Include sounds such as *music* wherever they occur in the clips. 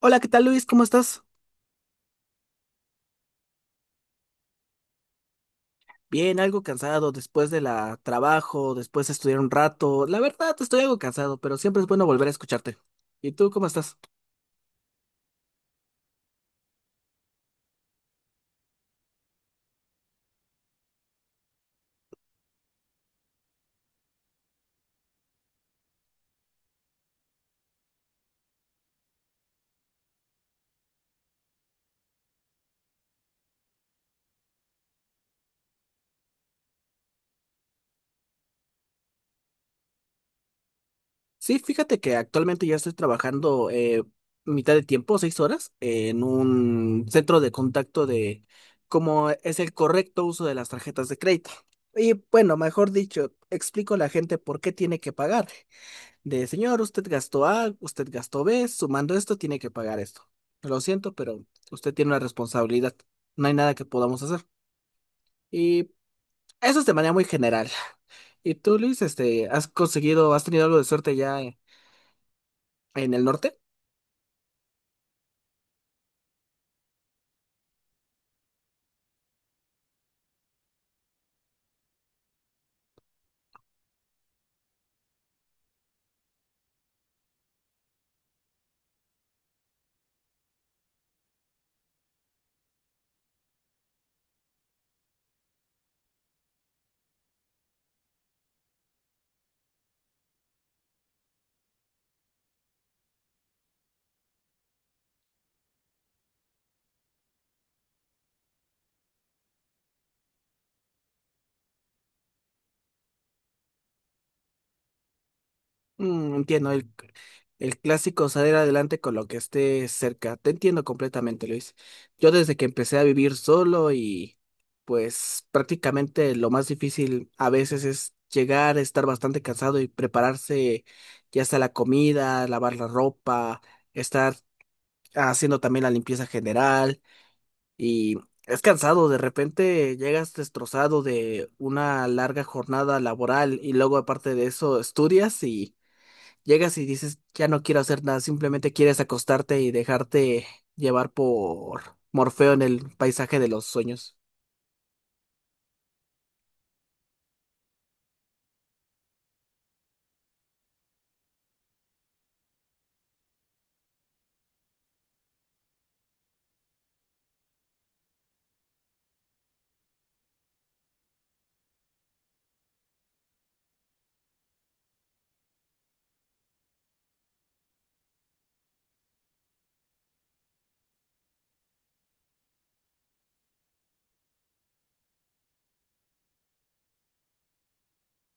Hola, ¿qué tal Luis? ¿Cómo estás? Bien, algo cansado después de la trabajo, después de estudiar un rato. La verdad, estoy algo cansado, pero siempre es bueno volver a escucharte. ¿Y tú cómo estás? Sí, fíjate que actualmente ya estoy trabajando mitad de tiempo, 6 horas, en un centro de contacto de cómo es el correcto uso de las tarjetas de crédito. Y bueno, mejor dicho, explico a la gente por qué tiene que pagar. De, señor, usted gastó A, usted gastó B, sumando esto tiene que pagar esto. Lo siento, pero usted tiene una responsabilidad. No hay nada que podamos hacer. Y eso es de manera muy general. ¿Y tú, Luis, este, has conseguido, has tenido algo de suerte ya en el norte? Mm, entiendo, el clásico salir adelante con lo que esté cerca. Te entiendo completamente, Luis. Yo desde que empecé a vivir solo y pues prácticamente lo más difícil a veces es llegar, estar bastante cansado y prepararse ya sea la comida, lavar la ropa, estar haciendo también la limpieza general y es cansado, de repente llegas destrozado de una larga jornada laboral y luego aparte de eso estudias y... Llegas y dices, ya no quiero hacer nada, simplemente quieres acostarte y dejarte llevar por Morfeo en el paisaje de los sueños.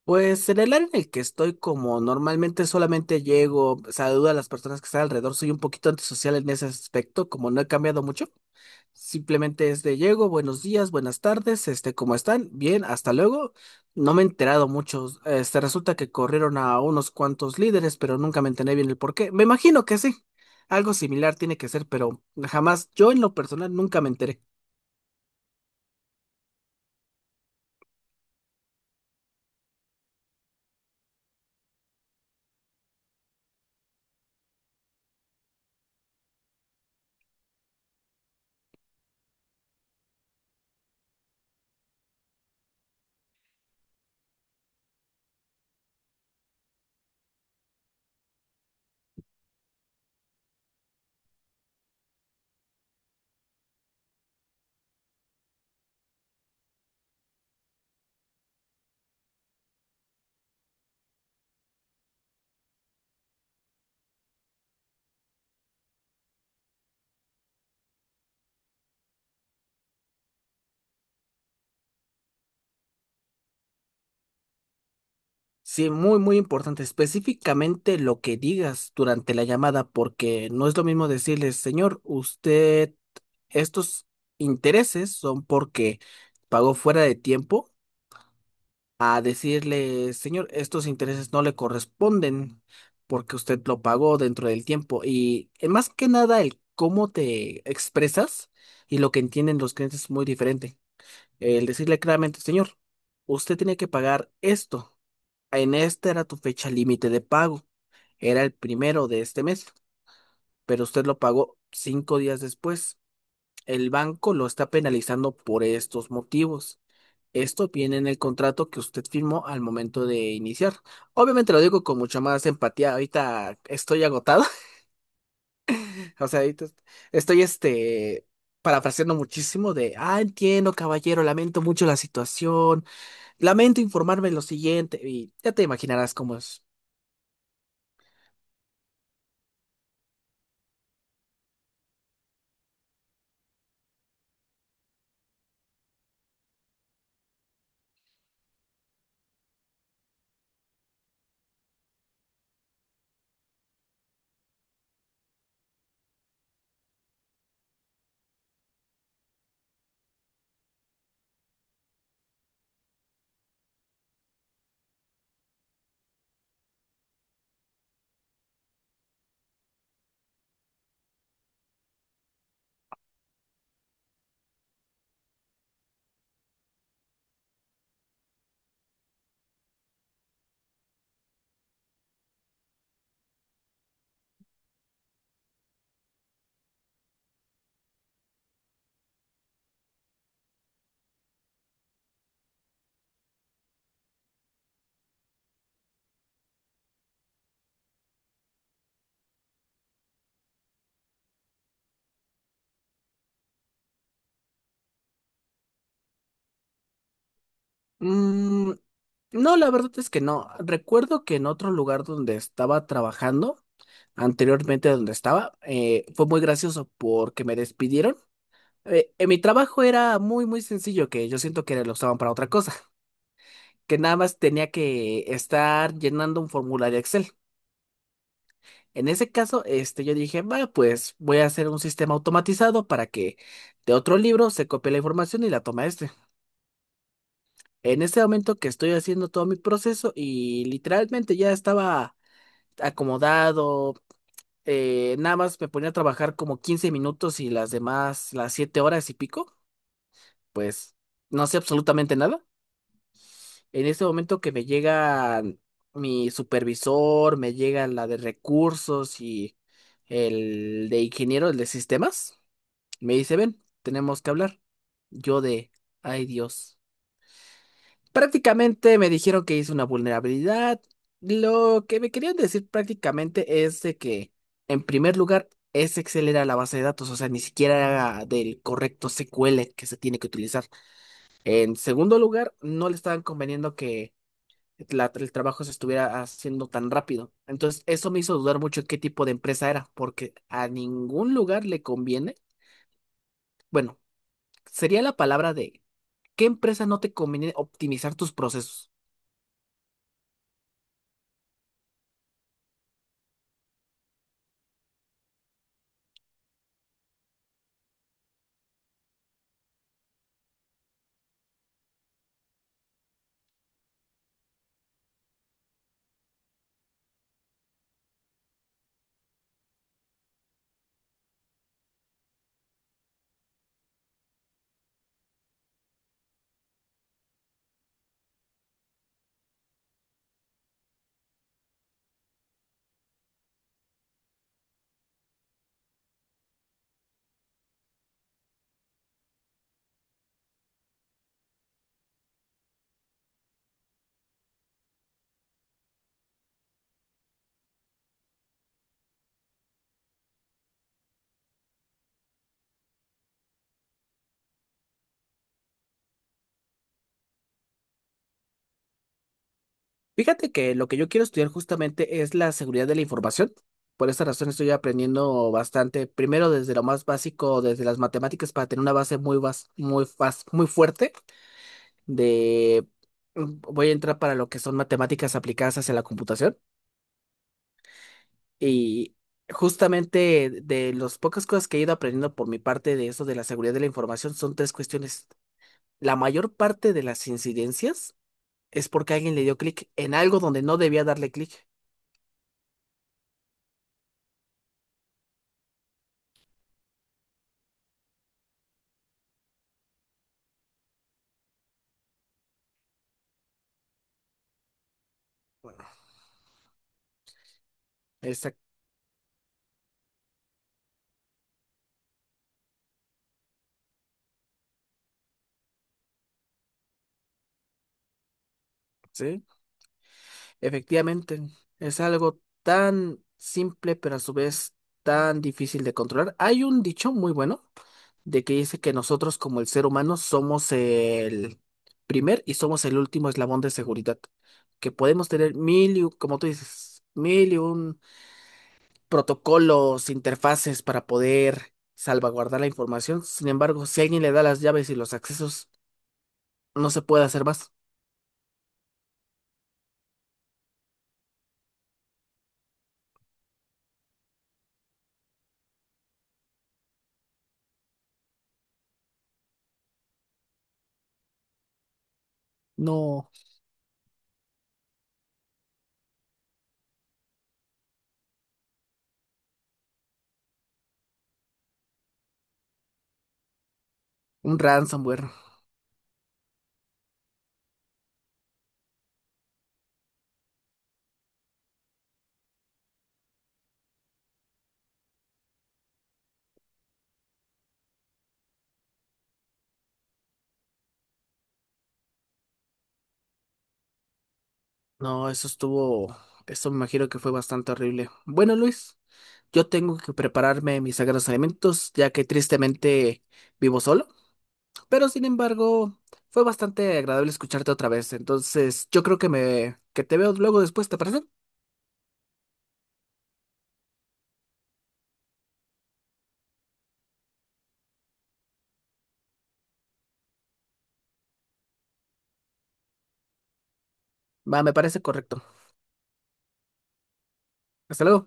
Pues en el área en el que estoy, como normalmente solamente llego, saludo a las personas que están alrededor, soy un poquito antisocial en ese aspecto, como no he cambiado mucho. Simplemente es de llego, buenos días, buenas tardes, este, ¿cómo están? Bien, hasta luego. No me he enterado mucho. Este, resulta que corrieron a unos cuantos líderes, pero nunca me enteré bien el por qué. Me imagino que sí. Algo similar tiene que ser, pero jamás, yo en lo personal nunca me enteré. Sí, muy, muy importante. Específicamente lo que digas durante la llamada, porque no es lo mismo decirles, señor, usted, estos intereses son porque pagó fuera de tiempo a decirle, señor, estos intereses no le corresponden porque usted lo pagó dentro del tiempo. Y más que nada, el cómo te expresas y lo que entienden los clientes es muy diferente. El decirle claramente, señor, usted tiene que pagar esto. En esta era tu fecha límite de pago. Era el primero de este mes, pero usted lo pagó 5 días después. El banco lo está penalizando por estos motivos. Esto viene en el contrato que usted firmó al momento de iniciar. Obviamente lo digo con mucha más empatía. Ahorita estoy agotado. *laughs* O sea, estoy este parafraseando muchísimo de, ah, entiendo, caballero, lamento mucho la situación. Lamento informarme lo siguiente. Y ya te imaginarás cómo es. Mm, no, la verdad es que no. Recuerdo que en otro lugar donde estaba trabajando, anteriormente donde estaba, fue muy gracioso porque me despidieron. Mi trabajo era muy, muy sencillo, que yo siento que lo usaban para otra cosa, *laughs* que nada más tenía que estar llenando un formulario Excel. En ese caso, este, yo dije, va, pues voy a hacer un sistema automatizado para que de otro libro se copie la información y la toma este. En ese momento que estoy haciendo todo mi proceso y literalmente ya estaba acomodado, nada más me ponía a trabajar como 15 minutos y las demás, las 7 horas y pico, pues no sé absolutamente nada. En este momento que me llega mi supervisor, me llega la de recursos y el de ingeniero, el de sistemas, me dice, ven, tenemos que hablar. Yo de, ay Dios. Prácticamente me dijeron que hice una vulnerabilidad. Lo que me querían decir prácticamente es de que, en primer lugar, es Excel era la base de datos, o sea, ni siquiera era del correcto SQL que se tiene que utilizar. En segundo lugar, no le estaban conveniendo que el trabajo se estuviera haciendo tan rápido. Entonces, eso me hizo dudar mucho qué tipo de empresa era, porque a ningún lugar le conviene, bueno, sería la palabra de qué empresa no te conviene optimizar tus procesos. Fíjate que lo que yo quiero estudiar justamente es la seguridad de la información. Por esa razón estoy aprendiendo bastante, primero desde lo más básico, desde las matemáticas, para tener una base muy, muy, muy fuerte de... Voy a entrar para lo que son matemáticas aplicadas hacia la computación. Y justamente de las pocas cosas que he ido aprendiendo por mi parte de eso de la seguridad de la información son tres cuestiones. La mayor parte de las incidencias es porque alguien le dio clic en algo donde no debía darle clic. Exacto, sí. Efectivamente, es algo tan simple, pero a su vez tan difícil de controlar. Hay un dicho muy bueno de que dice que nosotros como el ser humano somos el primer y somos el último eslabón de seguridad, que podemos tener mil y, como tú dices, mil y un protocolos, interfaces para poder salvaguardar la información. Sin embargo, si alguien le da las llaves y los accesos, no se puede hacer más. No, un ransomware. No, eso estuvo, eso me imagino que fue bastante horrible. Bueno, Luis, yo tengo que prepararme mis sagrados alimentos, ya que tristemente vivo solo. Pero sin embargo, fue bastante agradable escucharte otra vez. Entonces, yo creo que me que te veo luego después, ¿te parece? Va, me parece correcto. Hasta luego.